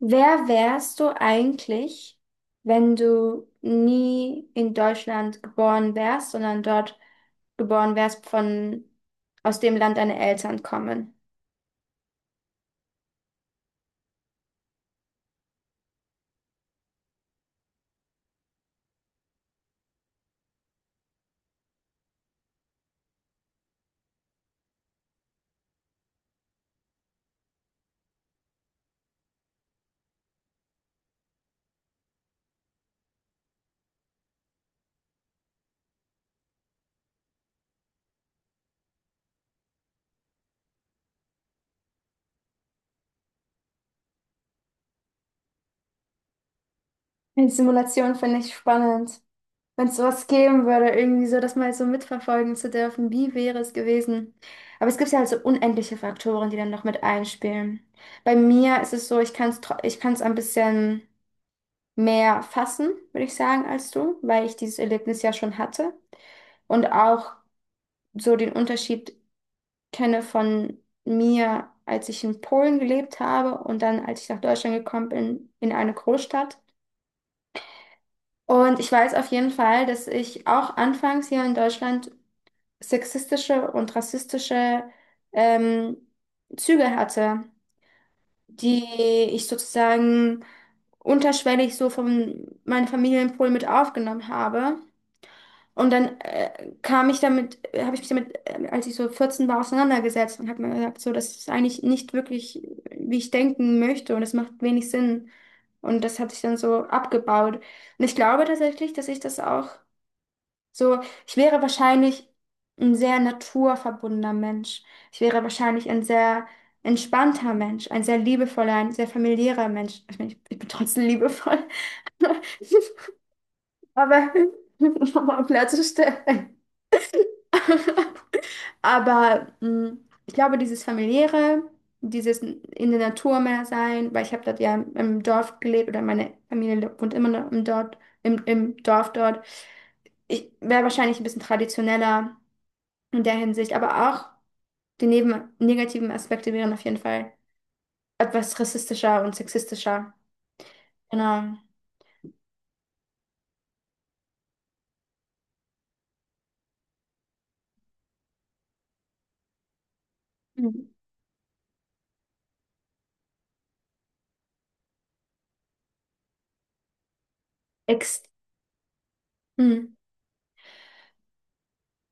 Wer wärst du eigentlich, wenn du nie in Deutschland geboren wärst, sondern dort geboren wärst von aus dem Land deine Eltern kommen? Die Simulation finde ich spannend. Wenn es sowas geben würde, irgendwie so, das mal so mitverfolgen zu dürfen, wie wäre es gewesen? Aber es gibt ja halt so unendliche Faktoren, die dann noch mit einspielen. Bei mir ist es so, ich kann es ein bisschen mehr fassen, würde ich sagen, als du, weil ich dieses Erlebnis ja schon hatte. Und auch so den Unterschied kenne von mir, als ich in Polen gelebt habe und dann, als ich nach Deutschland gekommen bin, in eine Großstadt. Und ich weiß auf jeden Fall, dass ich auch anfangs hier in Deutschland sexistische und rassistische ähm, Züge hatte, die ich sozusagen unterschwellig so von meiner Familie in Polen mit aufgenommen habe. Und dann habe ich mich damit, als ich so 14 war, auseinandergesetzt und habe mir gesagt, so, das ist eigentlich nicht wirklich, wie ich denken möchte, und das macht wenig Sinn. Und das hatte ich dann so abgebaut. Und ich glaube tatsächlich, dass ich das auch so, ich wäre wahrscheinlich ein sehr naturverbundener Mensch. Ich wäre wahrscheinlich ein sehr entspannter Mensch, ein sehr liebevoller, ein sehr familiärer Mensch. Ich meine, ich bin trotzdem liebevoll, aber um mal klarzustellen. Aber ich glaube, dieses Familiäre, dieses in der Natur mehr sein, weil ich habe dort ja im, im Dorf gelebt, oder meine Familie wohnt immer noch im Dorf, im Dorf dort. Ich wäre wahrscheinlich ein bisschen traditioneller in der Hinsicht, aber auch die neben negativen Aspekte wären auf jeden Fall etwas rassistischer und sexistischer. Genau. Mhm. Ex. Hm.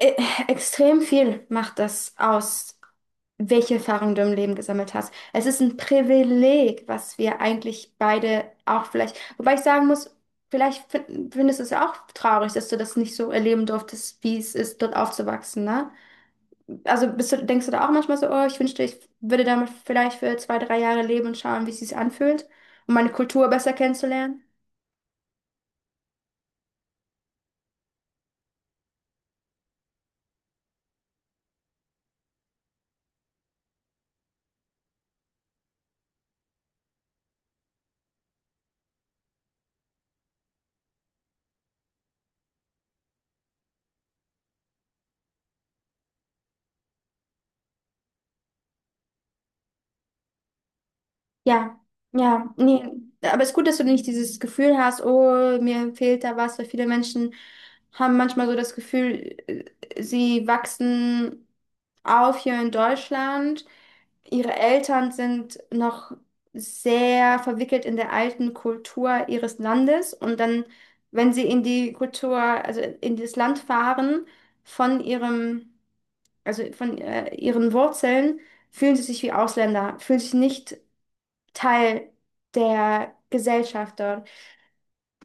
E- Extrem viel macht das aus, welche Erfahrungen du im Leben gesammelt hast. Es ist ein Privileg, was wir eigentlich beide auch vielleicht, wobei ich sagen muss, vielleicht findest du es ja auch traurig, dass du das nicht so erleben durftest, wie es ist, dort aufzuwachsen, ne? Also denkst du da auch manchmal so, oh, ich wünschte, ich würde damit vielleicht für zwei, drei Jahre leben und schauen, wie es sich anfühlt, um meine Kultur besser kennenzulernen? Ja, ja, nee. Aber es ist gut, dass du nicht dieses Gefühl hast, oh, mir fehlt da was, weil viele Menschen haben manchmal so das Gefühl sie wachsen auf hier in Deutschland. Ihre Eltern sind noch sehr verwickelt in der alten Kultur ihres Landes, und dann, wenn sie in die Kultur, also in das Land fahren, von ihrem, also von ihren Wurzeln, fühlen sie sich wie Ausländer, fühlen sich nicht Teil der Gesellschaft dort.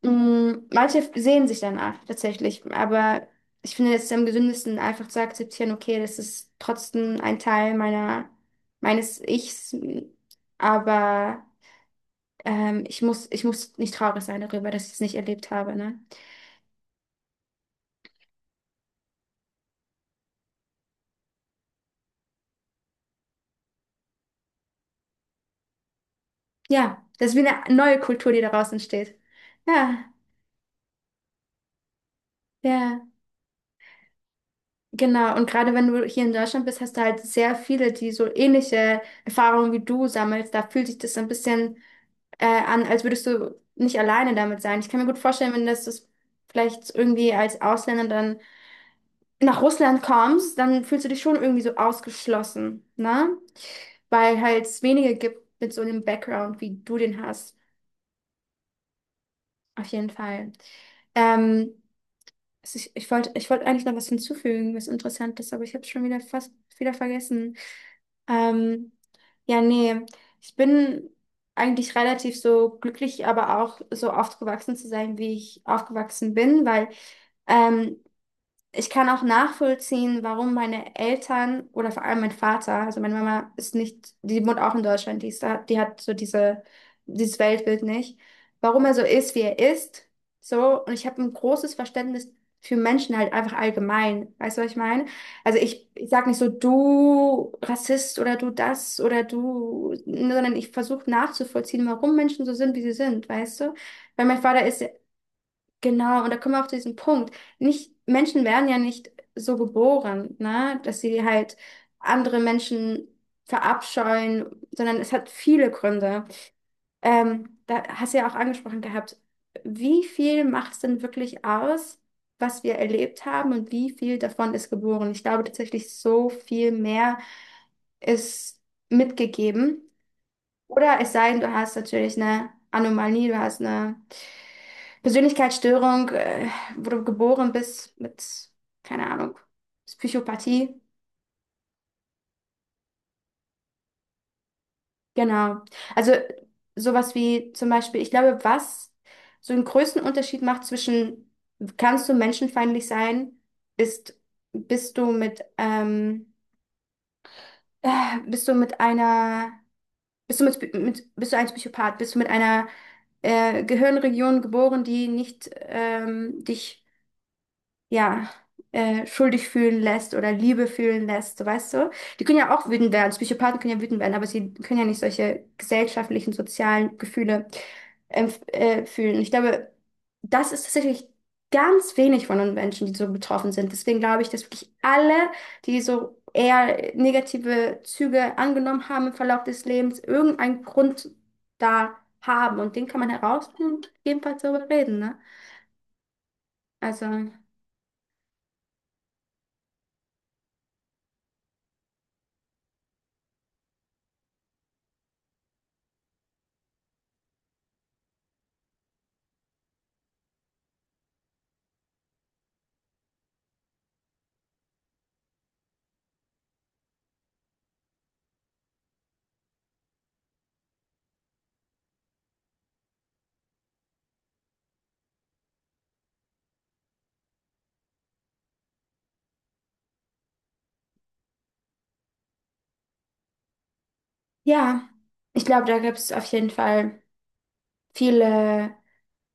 Manche sehen sich danach tatsächlich, aber ich finde, es ist am gesündesten, einfach zu akzeptieren, okay, das ist trotzdem ein Teil meiner, meines Ichs, aber ich muss nicht traurig sein darüber, dass ich es nicht erlebt habe, ne? Ja, das ist wie eine neue Kultur, die daraus entsteht. Ja, ja. Genau, und gerade wenn du hier in Deutschland bist, hast du halt sehr viele, die so ähnliche Erfahrungen wie du sammelst. Da fühlt sich das so ein bisschen an, als würdest du nicht alleine damit sein. Ich kann mir gut vorstellen, wenn das vielleicht irgendwie als Ausländer dann nach Russland kommst, dann fühlst du dich schon irgendwie so ausgeschlossen, ne? Weil halt es wenige gibt mit so einem Background, wie du den hast. Auf jeden Fall. Ähm, Also ich wollte eigentlich noch was hinzufügen, was Interessantes, aber ich habe es schon wieder fast wieder vergessen. Ähm, ja, nee, ich bin eigentlich relativ so glücklich, aber auch so aufgewachsen zu sein, wie ich aufgewachsen bin, weil ähm, ich kann auch nachvollziehen, warum meine Eltern, oder vor allem mein Vater, also meine Mama ist nicht, die wohnt auch in Deutschland, die ist da, die hat so diese, dieses Weltbild nicht, warum er so ist, wie er ist, so, und ich habe ein großes Verständnis für Menschen halt einfach allgemein, weißt du, was ich meine? Also ich sag nicht so, du Rassist oder du das oder du, sondern ich versuche nachzuvollziehen, warum Menschen so sind, wie sie sind, weißt du? Weil mein Vater ist. Genau, und da kommen wir auch zu diesem Punkt. Nicht, Menschen werden ja nicht so geboren, ne, dass sie halt andere Menschen verabscheuen, sondern es hat viele Gründe. Da hast du ja auch angesprochen gehabt, wie viel macht es denn wirklich aus, was wir erlebt haben, und wie viel davon ist geboren? Ich glaube tatsächlich, so viel mehr ist mitgegeben. Oder es sei denn, du hast natürlich eine Anomalie, du hast eine Persönlichkeitsstörung, wo du geboren bist mit, keine Ahnung, Psychopathie. Genau. Also sowas wie zum Beispiel, ich glaube, was so einen größten Unterschied macht zwischen, kannst du menschenfeindlich sein, ist, bist du mit, ähm, bist du mit einer, bist du mit, bist du ein Psychopath, bist du mit einer Gehirnregion geboren, die nicht dich ja, schuldig fühlen lässt oder Liebe fühlen lässt, so, weißt du? Die können ja auch wütend werden. Psychopathen können ja wütend werden, aber sie können ja nicht solche gesellschaftlichen, sozialen Gefühle fühlen. Ich glaube, das ist tatsächlich ganz wenig von den Menschen, die so betroffen sind. Deswegen glaube ich, dass wirklich alle, die so eher negative Züge angenommen haben im Verlauf des Lebens, irgendeinen Grund da haben. Und den kann man herausfinden und jedenfalls darüber reden, ne? Also. Ja, ich glaube, da gibt es auf jeden Fall viele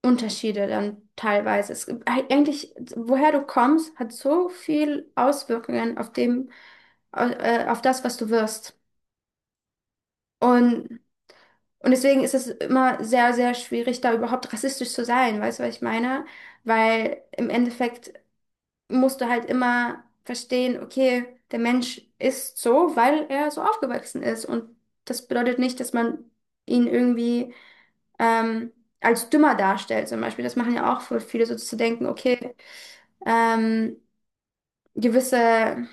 Unterschiede dann teilweise. Es gibt eigentlich, woher du kommst, hat so viel Auswirkungen auf dem, auf das, was du wirst. Und, und deswegen ist es immer sehr, sehr schwierig, da überhaupt rassistisch zu sein, weißt du, was ich meine? Weil im Endeffekt musst du halt immer verstehen, okay, der Mensch ist so, weil er so aufgewachsen ist. Und das bedeutet nicht, dass man ihn irgendwie ähm, als dümmer darstellt, zum Beispiel. Das machen ja auch voll viele, so zu denken, okay, ähm, gewisse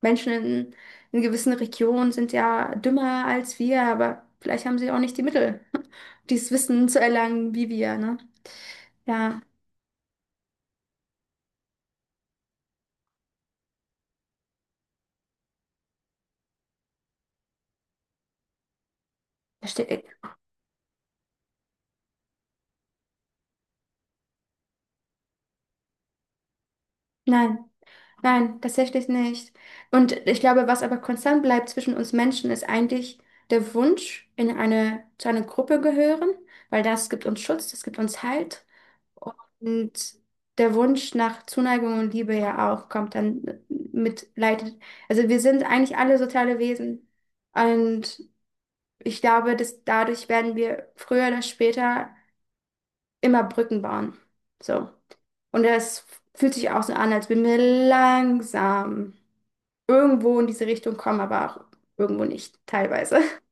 Menschen in, gewissen Regionen sind ja dümmer als wir, aber vielleicht haben sie auch nicht die Mittel, dieses Wissen zu erlangen, wie wir, ne? Ja, verstehe ich. Nein. Nein, tatsächlich nicht. Und ich glaube, was aber konstant bleibt zwischen uns Menschen, ist eigentlich der Wunsch, zu einer Gruppe gehören, weil das gibt uns Schutz, das gibt uns Halt. Und der Wunsch nach Zuneigung und Liebe ja auch kommt dann mit leitet. Also wir sind eigentlich alle soziale Wesen. Und ich glaube, dass dadurch werden wir früher oder später immer Brücken bauen. So. Und das fühlt sich auch so an, als würden wir langsam irgendwo in diese Richtung kommen, aber auch irgendwo nicht, teilweise.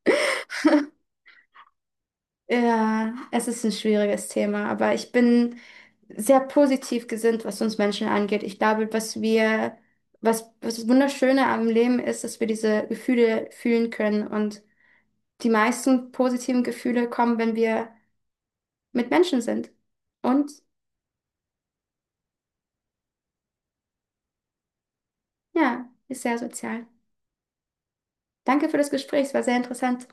Ja, es ist ein schwieriges Thema, aber ich bin sehr positiv gesinnt, was uns Menschen angeht. Ich glaube, was wir, was das Wunderschöne am Leben ist, dass wir diese Gefühle fühlen können. Und die meisten positiven Gefühle kommen, wenn wir mit Menschen sind. Und ja, ist sehr sozial. Danke für das Gespräch, es war sehr interessant.